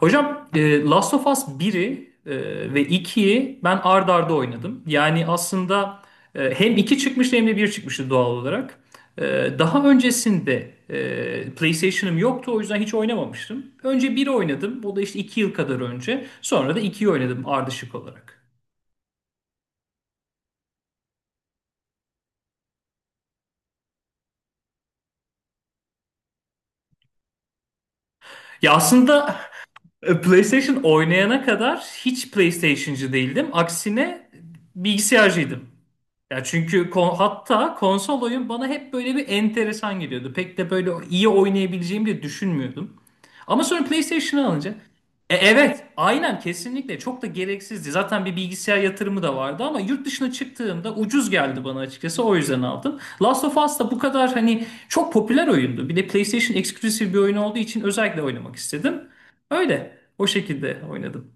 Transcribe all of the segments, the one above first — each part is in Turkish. Hocam Last of Us 1'i ve ikiyi ben ard arda oynadım. Yani aslında hem 2 çıkmıştı hem de bir çıkmıştı doğal olarak. Daha öncesinde PlayStation'ım yoktu, o yüzden hiç oynamamıştım. Önce biri oynadım. Bu da işte 2 yıl kadar önce. Sonra da ikiyi oynadım ardışık olarak. Ya aslında PlayStation oynayana kadar hiç PlayStation'cı değildim. Aksine bilgisayarcıydım. Ya çünkü hatta konsol oyun bana hep böyle bir enteresan geliyordu. Pek de böyle iyi oynayabileceğimi de düşünmüyordum. Ama sonra PlayStation'ı alınca evet, aynen, kesinlikle çok da gereksizdi. Zaten bir bilgisayar yatırımı da vardı ama yurt dışına çıktığımda ucuz geldi bana açıkçası, o yüzden aldım. Last of Us da bu kadar hani çok popüler oyundu. Bir de PlayStation eksklusif bir oyun olduğu için özellikle oynamak istedim. Öyle o şekilde oynadım.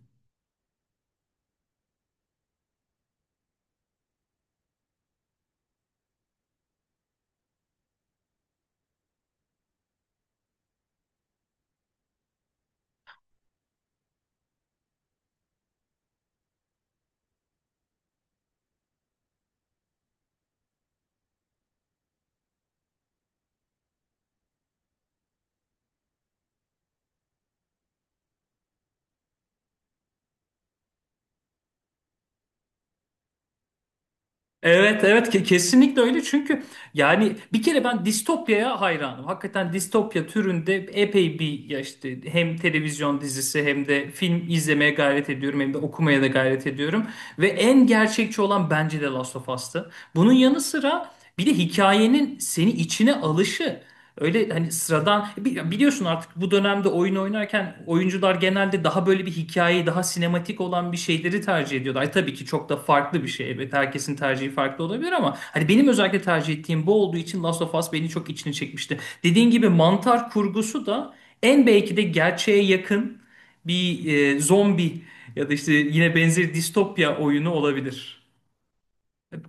Evet, evet, kesinlikle öyle, çünkü yani bir kere ben distopyaya hayranım. Hakikaten distopya türünde epey bir, ya işte, hem televizyon dizisi hem de film izlemeye gayret ediyorum, hem de okumaya da gayret ediyorum. Ve en gerçekçi olan bence de Last of Us'tı. Bunun yanı sıra bir de hikayenin seni içine alışı. Öyle hani sıradan, biliyorsun, artık bu dönemde oyun oynarken oyuncular genelde daha böyle bir hikayeyi, daha sinematik olan bir şeyleri tercih ediyorlar. Ay, tabii ki çok da farklı bir şey. Evet, herkesin tercihi farklı olabilir ama hani benim özellikle tercih ettiğim bu olduğu için Last of Us beni çok içine çekmişti. Dediğin gibi mantar kurgusu da en belki de gerçeğe yakın bir zombi ya da işte yine benzeri distopya oyunu olabilir.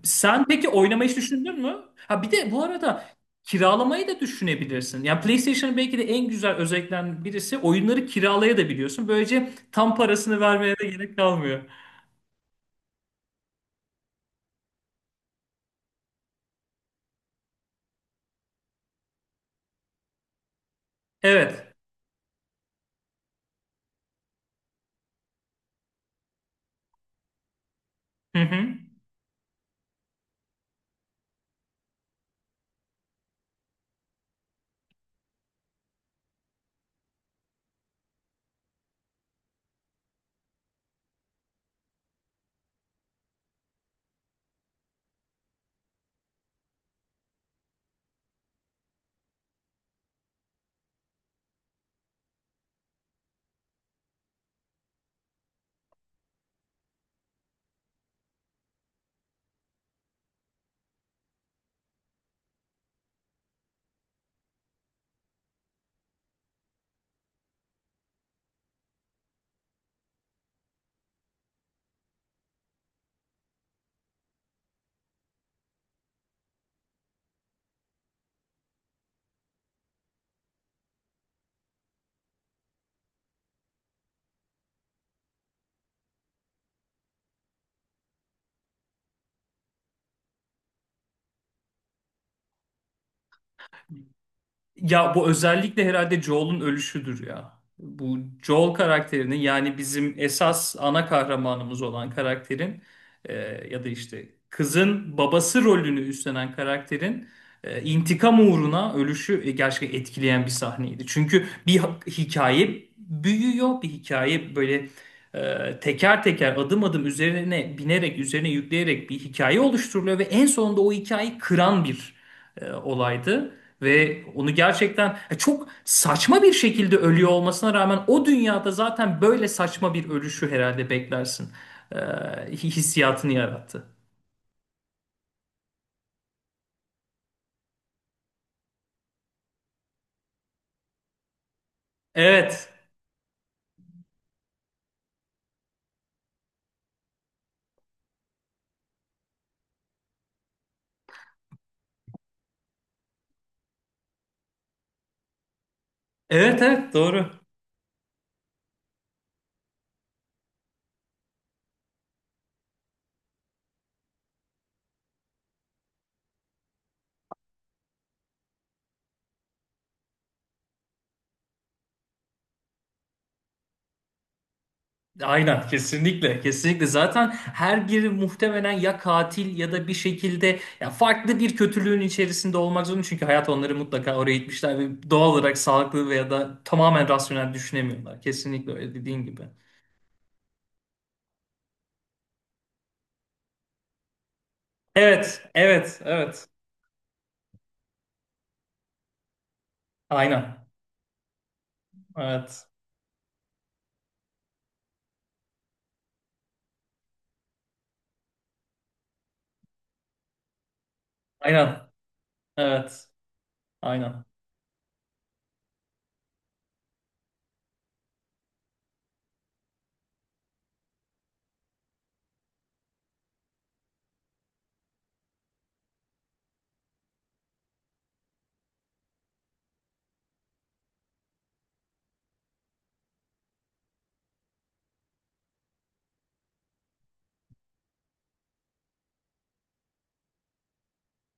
Sen peki oynamayı hiç düşündün mü? Ha, bir de bu arada kiralamayı da düşünebilirsin. Yani PlayStation'ın belki de en güzel özelliklerinden birisi, oyunları kiralayabiliyorsun. Böylece tam parasını vermeye de gerek kalmıyor. Evet. Hı hı. Ya bu özellikle herhalde Joel'un ölüşüdür ya. Bu Joel karakterinin, yani bizim esas ana kahramanımız olan karakterin, e, ya da işte kızın babası rolünü üstlenen karakterin intikam uğruna ölüşü gerçekten etkileyen bir sahneydi. Çünkü bir hikaye büyüyor, bir hikaye böyle teker teker, adım adım üzerine binerek, üzerine yükleyerek bir hikaye oluşturuluyor ve en sonunda o hikayeyi kıran bir olaydı ve onu gerçekten çok saçma bir şekilde ölüyor olmasına rağmen o dünyada zaten böyle saçma bir ölüşü herhalde beklersin. Hissiyatını yarattı. Evet. Evet, evet, doğru. Aynen, kesinlikle kesinlikle zaten her biri muhtemelen ya katil ya da bir şekilde ya farklı bir kötülüğün içerisinde olmak zorunda, çünkü hayat onları mutlaka oraya itmişler ve doğal olarak sağlıklı veya da tamamen rasyonel düşünemiyorlar. Kesinlikle öyle, dediğin gibi. Evet, evet, evet. Aynen. Evet. Aynen. Evet. Aynen.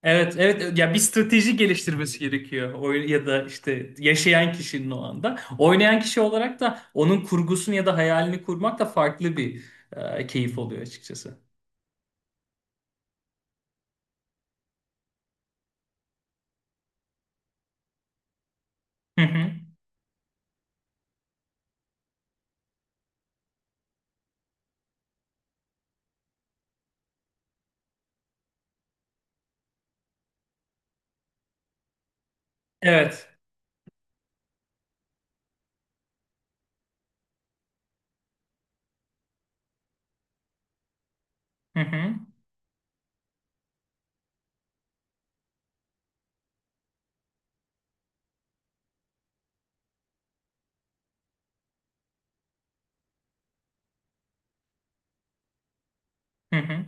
Evet, evet ya bir strateji geliştirmesi gerekiyor oyun ya da işte yaşayan kişinin o anda. Oynayan kişi olarak da onun kurgusunu ya da hayalini kurmak da farklı bir e, keyif oluyor açıkçası. Hı hı. Evet. Hı hı. Hı hı.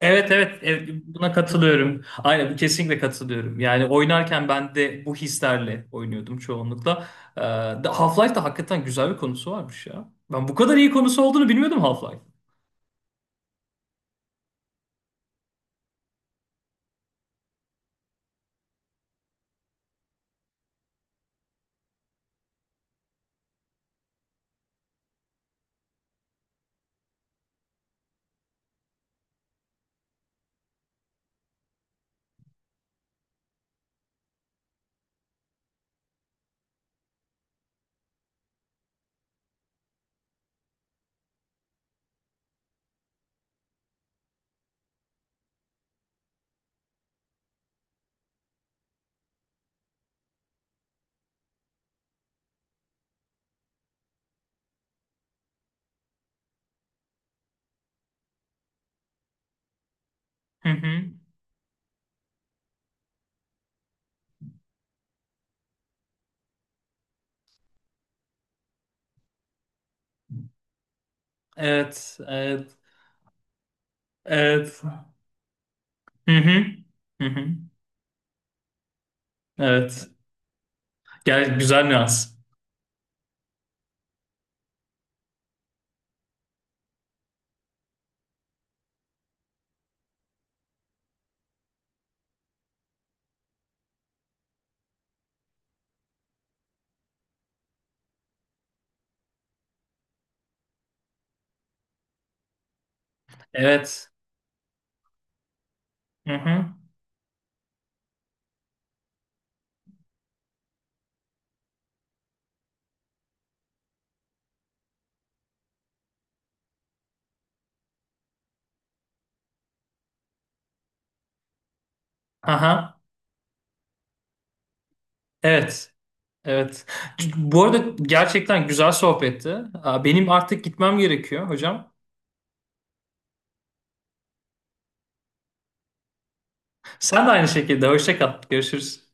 Evet, evet evet, buna katılıyorum. Aynen, kesinlikle katılıyorum. Yani oynarken ben de bu hislerle oynuyordum çoğunlukla. Ee, Half-Life'da hakikaten güzel bir konusu varmış ya. Ben bu kadar iyi konusu olduğunu bilmiyordum Half-Life. Hı hı. Evet, evet, evet. Hı hı. Hı hı. Evet. Gel güzel nüans. Evet. Hı hı. Aha. Evet. Evet. Bu arada gerçekten güzel sohbetti. Benim artık gitmem gerekiyor, hocam. Sen de aynı şekilde. Hoşça kal. Görüşürüz.